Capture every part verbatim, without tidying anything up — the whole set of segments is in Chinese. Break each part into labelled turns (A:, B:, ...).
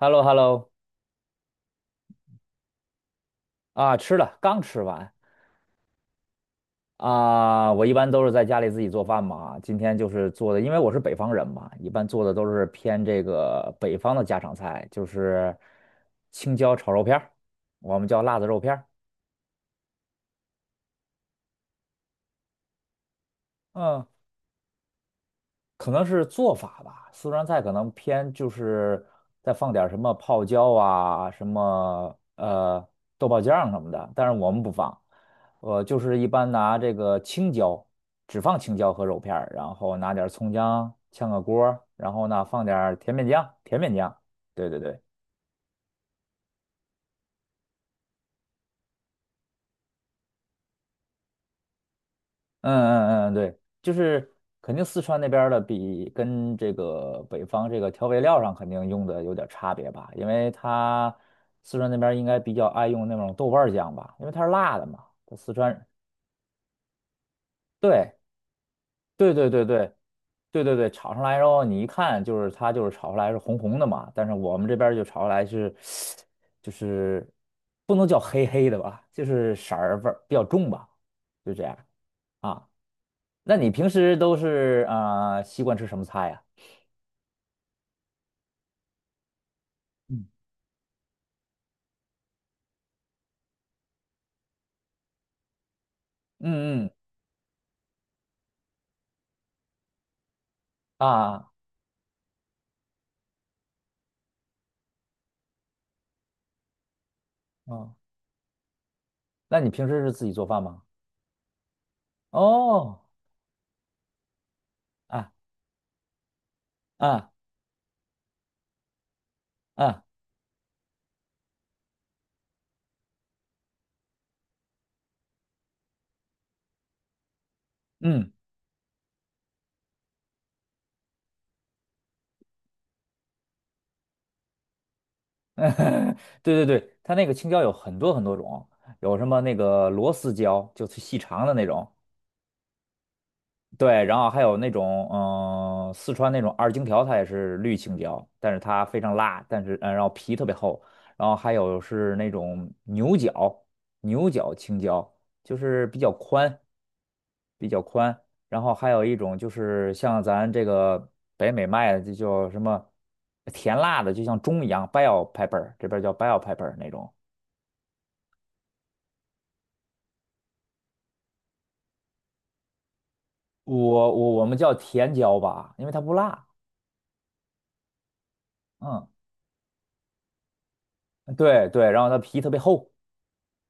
A: h e l l o h e l l o 啊，吃了，刚吃完啊。我一般都是在家里自己做饭嘛，今天就是做的，因为我是北方人嘛，一般做的都是偏这个北方的家常菜，就是青椒炒肉片儿，我们叫辣子肉片儿。嗯可能是做法吧，四川菜可能偏就是再放点儿什么泡椒啊，什么呃豆瓣酱什么的，但是我们不放，我就是一般拿这个青椒，只放青椒和肉片儿然后拿点儿葱姜炝个锅儿然后呢放点儿甜面酱，甜面酱，对对对。嗯嗯嗯，对，就是肯定四川那边儿的比跟这个北方这个调味料上肯定用的有点儿差别吧，因为它四川那边儿应该比较爱用那种豆瓣儿酱吧，因为它是辣的嘛。它四川人对对对对对对对对，炒上来之后你一看就是它就是炒出来是红红的嘛，但是我们这边儿就炒出来是就是不能叫黑黑的吧，就是色儿味儿比较重吧，就这样。啊。那你平时都是啊、呃习惯吃什么菜呀、嗯，嗯嗯啊哦，那你平时是自己做饭吗？哦啊啊啊嗯，对对对，它那个青椒有很多很多种，有什么那个螺丝椒，就是细长的那种，对，然后还有那种，嗯、四川那种二荆条，它也是绿青椒，但是它非常辣，但是，嗯、然后皮特别厚。然后还有是那种牛角，牛角青椒，就是比较宽，比较宽。然后还有一种就是像咱这个北美卖的，就叫什么甜辣的，就像钟一样，bell pepper，这边叫 bell pepper 那种。我我我们叫甜椒吧，因为它不辣。嗯，对对，然后它皮特别厚。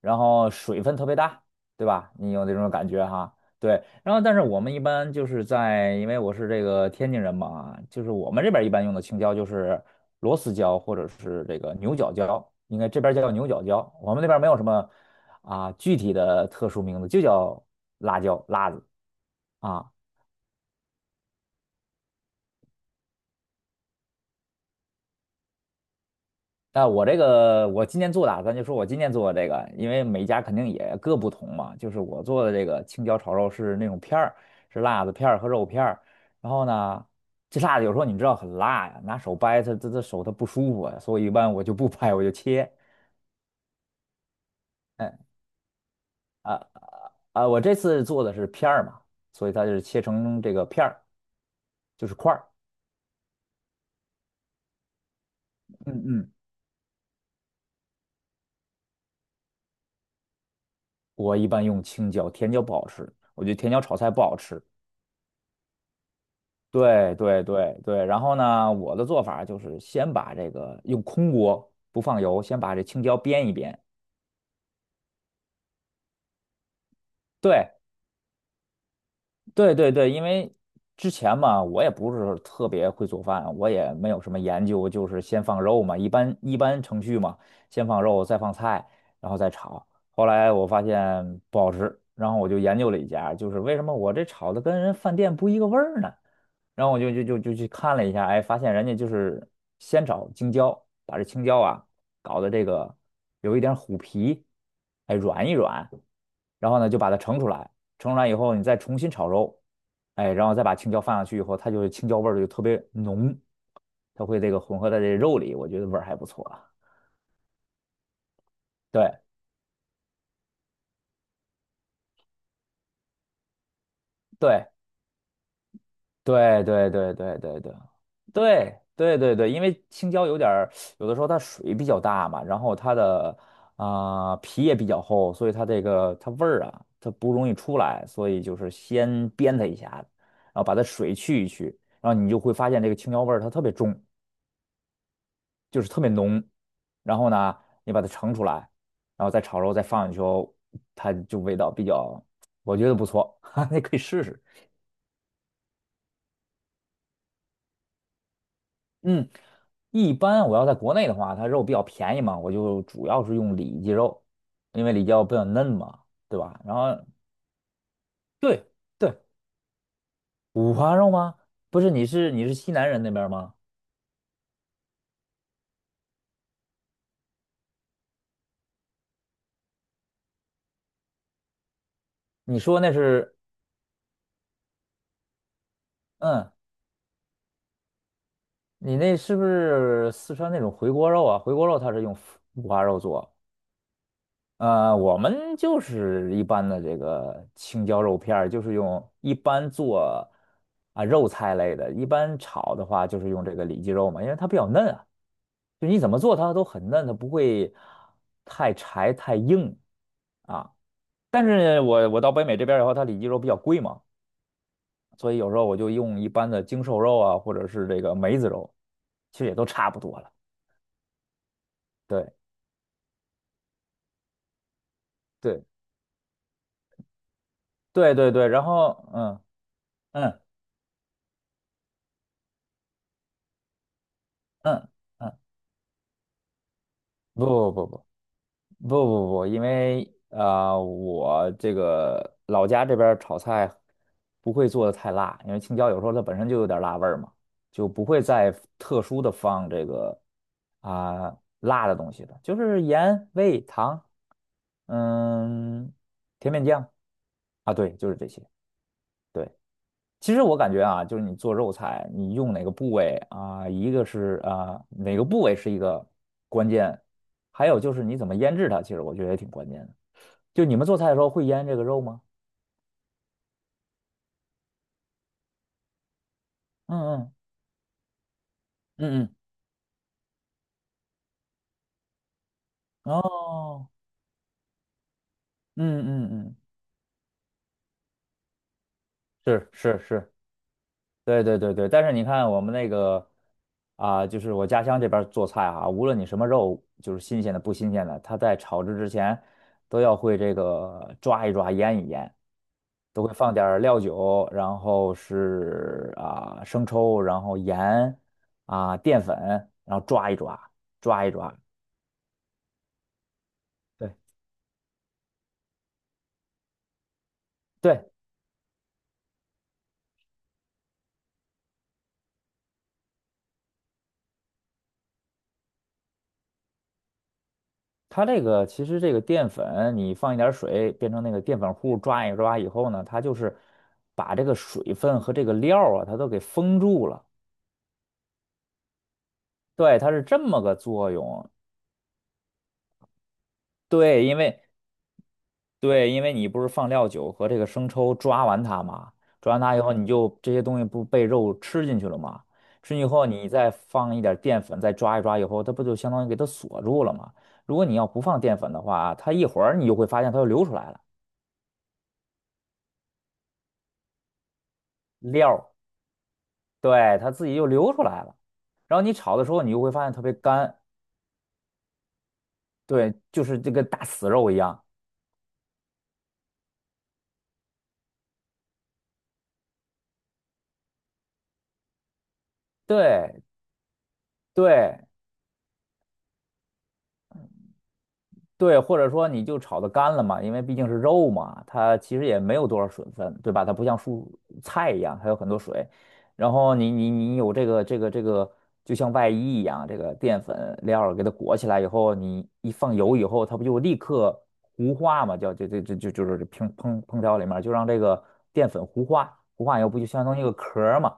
A: 然后水分特别大，对吧？你有这种感觉哈？对，然后但是我们一般就是在，因为我是这个天津人嘛，就是我们这边一般用的青椒就是螺丝椒或者是这个牛角椒，应该这边叫牛角椒，我们那边没有什么啊具体的特殊名字，就叫辣椒辣子啊。那我这个，我今天做的啊咱就说我今天做的这个，因为每家肯定也各不同嘛。就是我做的这个青椒炒肉是那种片儿，是辣子片儿和肉片儿。然后呢，这辣子有时候你知道很辣呀，拿手掰它，它它手它不舒服呀，所以一般我就不掰，我就切。嗯啊啊，我这次做的是片儿嘛，所以它就是切成这个片儿，就是块儿。嗯嗯，我一般用青椒，甜椒不好吃，我觉得甜椒炒菜不好吃。对对对对，然后呢，我的做法就是先把这个用空锅不放油，先把这青椒煸一煸。对对对对，因为之前嘛，我也不是特别会做饭，我也没有什么研究，就是先放肉嘛，一般一般程序嘛，先放肉，再放菜，然后再炒。后来我发现不好吃，然后我就研究了一下，就是为什么我这炒的跟人饭店不一个味儿呢？然后我就就就就去看了一下，哎，发现人家就是先找青椒，把这青椒啊搞的这个有一点虎皮，哎，软一软，然后呢就把它盛出来，盛出来以后你再重新炒肉，哎，然后再把青椒放上去以后，它就是青椒味儿就特别浓，它会这个混合在这肉里，我觉得味儿还不错啊。对对，对对对对对对对对对对，因为青椒有点儿，有的时候它水比较大嘛，然后它的啊、皮也比较厚，所以它这个它味儿啊，它不容易出来，所以就是先煸它一下然后把它水去一去，然后你就会发现这个青椒味儿它特别重，就是特别浓。然后呢，你把它盛出来，然后再炒肉再放进去后它就味道比较，我觉得不错，哈，你可以试试。嗯，一般我要在国内的话，它肉比较便宜嘛，我就主要是用里脊肉，因为里脊肉比较嫩嘛，对吧？然后对对，五花肉吗？不是，你是你是西南人那边儿吗？你说那是，嗯，你那是不是四川那种回锅肉啊？回锅肉它是用五花肉做，呃，我们就是一般的这个青椒肉片儿，就是用一般做啊肉菜类的，一般炒的话就是用这个里脊肉嘛，因为它比较嫩啊，就你怎么做它都很嫩，它不会太柴太硬啊。但是我我到北美这边儿以后，它里脊肉比较贵嘛，所以有时候我就用一般的精瘦肉啊，或者是这个梅子肉，其实也都差不多了。对对对对对，然后嗯嗯嗯嗯，不不不不。不不不，因为呃，我这个老家这边儿炒菜不会做的太辣，因为青椒有时候它本身就有点儿辣味儿嘛，就不会再特殊的放这个啊、辣的东西了，就是盐、味、糖，嗯，甜面酱啊，对，就是这些。对，其实我感觉啊，就是你做肉菜，你用哪个部位啊，一个是啊哪个部位是一个关键，还有就是你怎么腌制它，其实我觉得也挺关键的。就你们做菜的时候会腌这个肉吗？嗯嗯嗯嗯，哦，嗯嗯嗯，是是是，对对对对。但是你看我们那个啊、就是我家乡这边儿做菜啊，无论你什么肉，就是新鲜的不新鲜的，它在炒制之前都要会这个抓一抓、腌一腌，都会放点儿料酒，然后是啊、生抽，然后盐啊、淀粉，然后抓一抓，抓一抓。对对。它这个其实这个淀粉，你放一点儿水变成那个淀粉糊，抓一抓以后呢，它就是把这个水分和这个料儿啊，它都给封住了。对，它是这么个作用。对，因为对，因为你不是放料酒和这个生抽抓完它嘛，抓完它以后，你就这些东西不被肉吃进去了嘛？吃进去以后，你再放一点儿淀粉，再抓一抓以后，它不就相当于给它锁住了吗？如果你要不放淀粉的话，它一会儿你就会发现它又流出来了料儿。对，它自己就流出来了。然后你炒的时候，你就会发现特别干，对，就是这个大死肉一样。对对，对，或者说你就炒的干了嘛，因为毕竟是肉嘛，它其实也没有多少水分，对吧？它不像蔬菜一样，它有很多水。然后你你你有这个这个这个，就像外衣一样，这个淀粉料儿给它裹起来以后，你一放油以后，它不就立刻糊化嘛？叫就就就就就是这烹烹烹调里面儿就让这个淀粉糊化，糊化以后不就相当于一个壳儿嘛？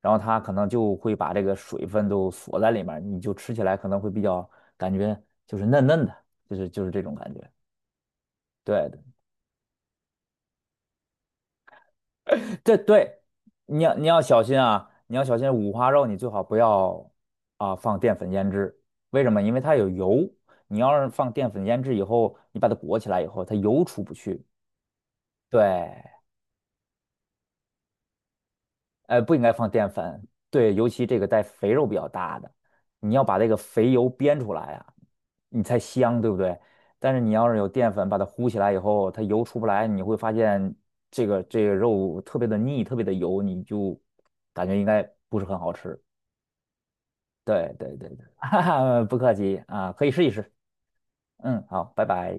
A: 然后它可能就会把这个水分都锁在里面儿你就吃起来可能会比较感觉就是嫩嫩的，就是就是这种感觉。对对这对，你要你要小心啊，你要小心五花肉，你最好不要啊放淀粉腌制，为什么？因为它有油，你要是放淀粉腌制以后，你把它裹起来以后，它油出不去。对呃，不应该放淀粉，对，尤其这个带肥肉比较大的，你要把这个肥油煸出来啊，你才香，对不对？但是你要是有淀粉把它糊起来以后，它油出不来，你会发现这个这个肉特别的腻，特别的油，你就感觉应该不是很好吃。对对对对，哈哈，不客气啊，可以试一试。嗯，好，拜拜。